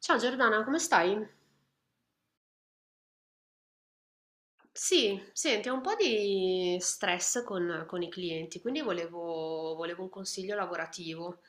Ciao Giordana, come stai? Sì, senti, ho un po' di stress con i clienti, quindi volevo un consiglio lavorativo,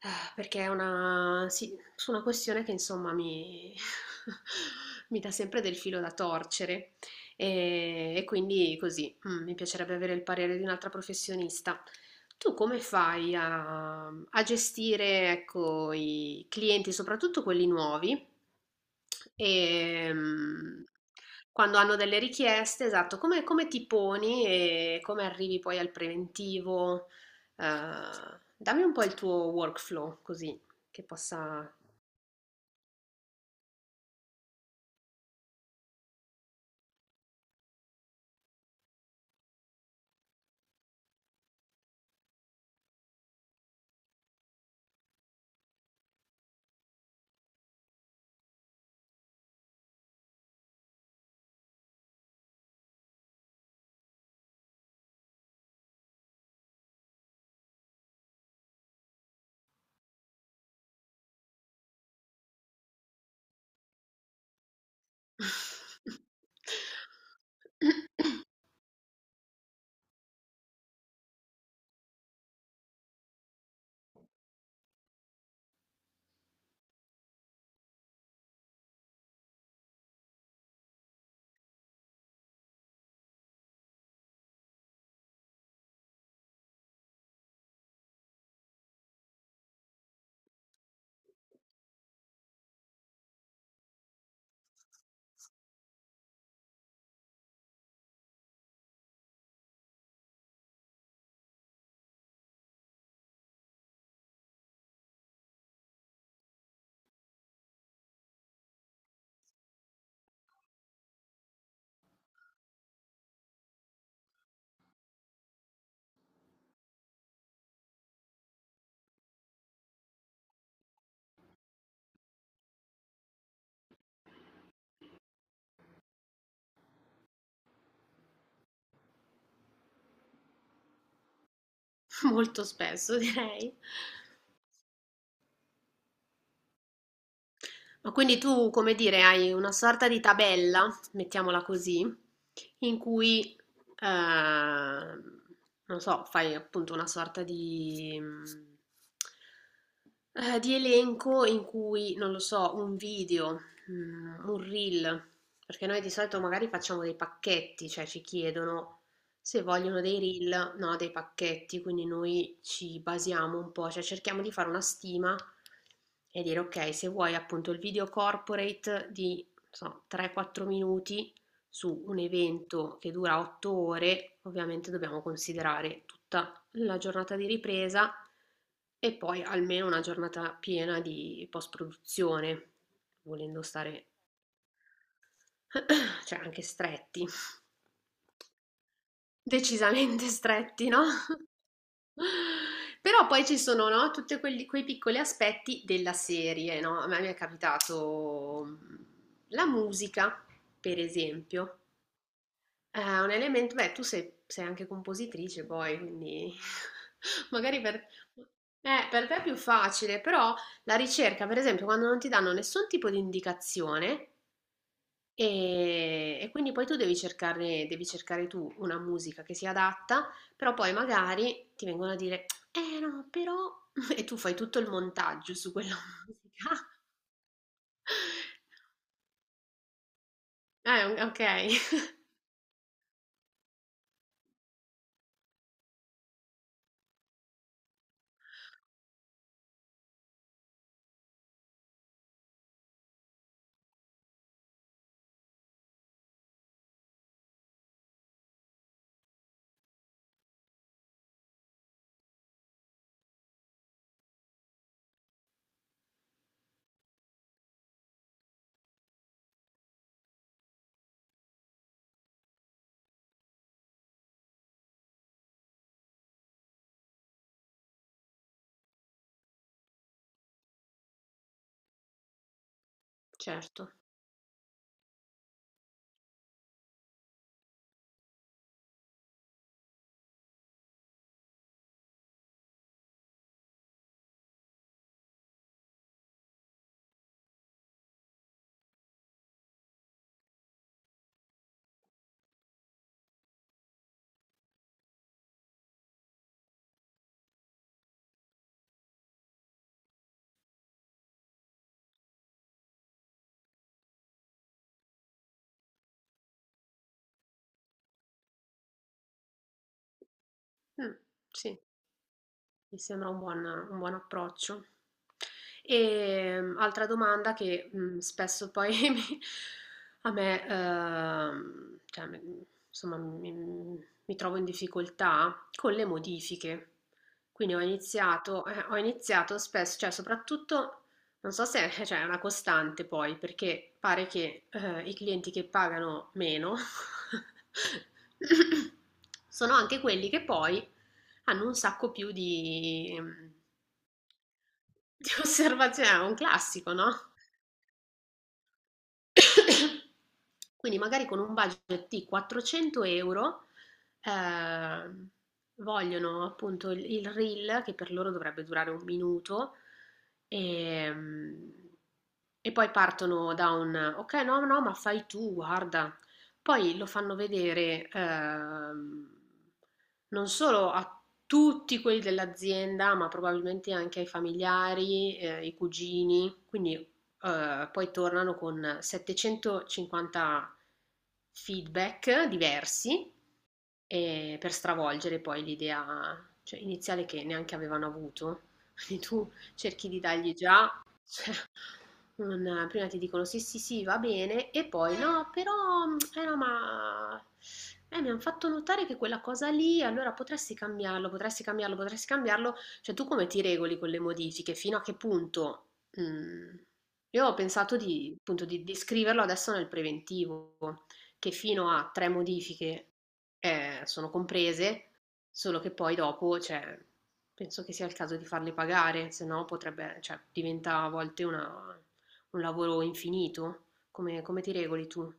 eh, perché è una, sì, su una questione che insomma mi dà sempre del filo da torcere e quindi così, mi piacerebbe avere il parere di un'altra professionista. Tu come fai a gestire, ecco, i clienti, soprattutto quelli nuovi? Ehm, Quando hanno delle richieste, esatto, come ti poni e come arrivi poi al preventivo? Dammi un po' il tuo workflow, così che possa. Molto spesso, direi. Ma quindi tu, come dire, hai una sorta di tabella, mettiamola così, in cui, eh, non so, fai appunto una sorta di elenco in cui, non lo so, un video, un reel, perché noi di solito magari facciamo dei pacchetti, cioè ci chiedono se vogliono dei reel, no, dei pacchetti, quindi noi ci basiamo un po', cioè cerchiamo di fare una stima e dire ok, se vuoi appunto il video corporate di, non so, 3-4 minuti su un evento che dura 8 ore, ovviamente dobbiamo considerare tutta la giornata di ripresa e poi almeno una giornata piena di post-produzione, volendo stare, cioè anche stretti. Decisamente stretti, no? Però poi ci sono, no, tutti quei piccoli aspetti della serie, no? A me mi è capitato la musica, per esempio. È un elemento, beh, tu sei anche compositrice poi, quindi magari per te è più facile, però la ricerca, per esempio, quando non ti danno nessun tipo di indicazione, e quindi poi tu devi cercare tu una musica che sia adatta, però poi magari ti vengono a dire, eh no, però. E tu fai tutto il montaggio su quella musica. Ok, certo. Mm, sì. Mi sembra un buon approccio. E altra domanda che spesso poi a me, cioè, insomma, mi trovo in difficoltà con le modifiche. Quindi ho iniziato spesso, cioè soprattutto non so se è, cioè, è una costante poi, perché pare che i clienti che pagano meno sono anche quelli che poi hanno un sacco più di osservazioni. È un classico, no? Quindi magari con un budget di 400 euro ehm, vogliono appunto il reel che per loro dovrebbe durare un minuto ehm, e, poi partono da un ok no no ma fai tu guarda poi lo fanno vedere non solo a tutti quelli dell'azienda ma probabilmente anche ai familiari, ai cugini quindi poi tornano con 750 feedback diversi. Per stravolgere poi l'idea, cioè, iniziale che neanche avevano avuto. Quindi tu cerchi di dargli già, cioè, prima ti dicono sì, sì, sì, va bene, e poi no, però, eh no, ma mi hanno fatto notare che quella cosa lì, allora potresti cambiarlo, potresti cambiarlo, potresti cambiarlo. Cioè, tu come ti regoli con le modifiche? Fino a che punto? Mm, Io ho pensato di appunto, di scriverlo adesso nel preventivo che fino a tre modifiche sono comprese, solo che poi dopo, cioè, penso che sia il caso di farle pagare, se no potrebbe, cioè, diventa a volte un lavoro infinito. Come ti regoli tu?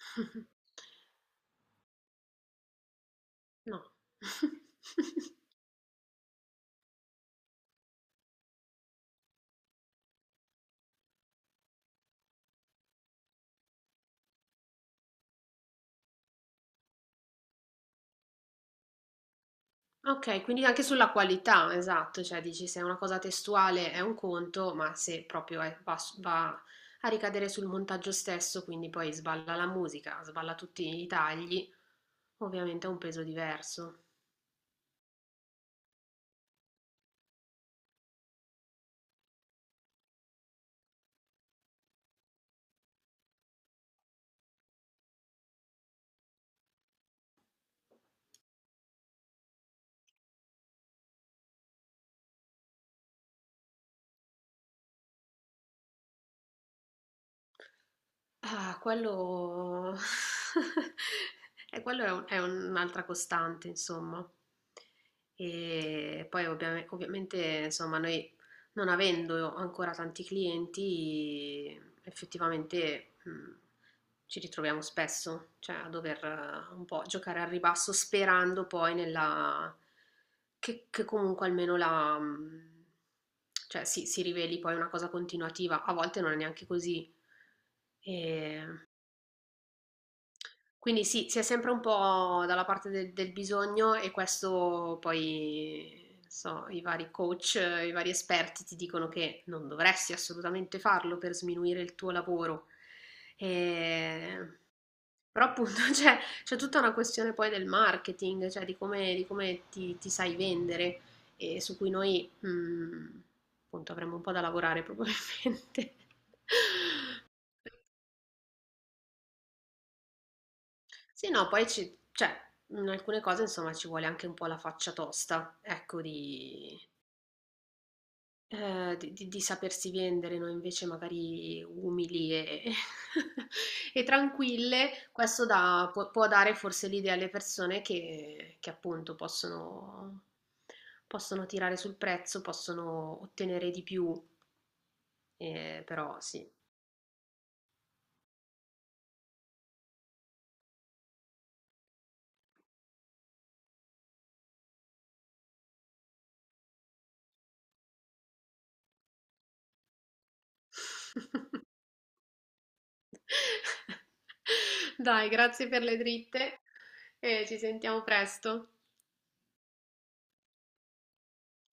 No. Ok, quindi anche sulla qualità, esatto, cioè dici se è una cosa testuale è un conto, ma se proprio va a ricadere sul montaggio stesso, quindi poi sballa la musica, sballa tutti i tagli, ovviamente ha un peso diverso. Ah, quello. E quello è è un'altra costante, insomma. E poi ovviamente, insomma, noi non avendo ancora tanti clienti, effettivamente ci ritroviamo spesso, cioè a dover un po' giocare al ribasso sperando poi nella che comunque almeno la cioè si riveli poi una cosa continuativa, a volte non è neanche così. E quindi sì, si è sempre un po' dalla parte del bisogno e questo poi, non so, i vari coach, i vari esperti ti dicono che non dovresti assolutamente farlo per sminuire il tuo lavoro. E- Però appunto c'è tutta una questione poi del marketing, cioè di come ti sai vendere e su cui noi, appunto, avremo un po' da lavorare probabilmente. Sì, no, poi cioè, in alcune cose, insomma, ci vuole anche un po' la faccia tosta, ecco, di sapersi vendere, noi invece magari umili e tranquille, questo può dare forse l'idea alle persone che appunto possono tirare sul prezzo, possono ottenere di più, però sì. Dai, grazie per le dritte e ci sentiamo presto.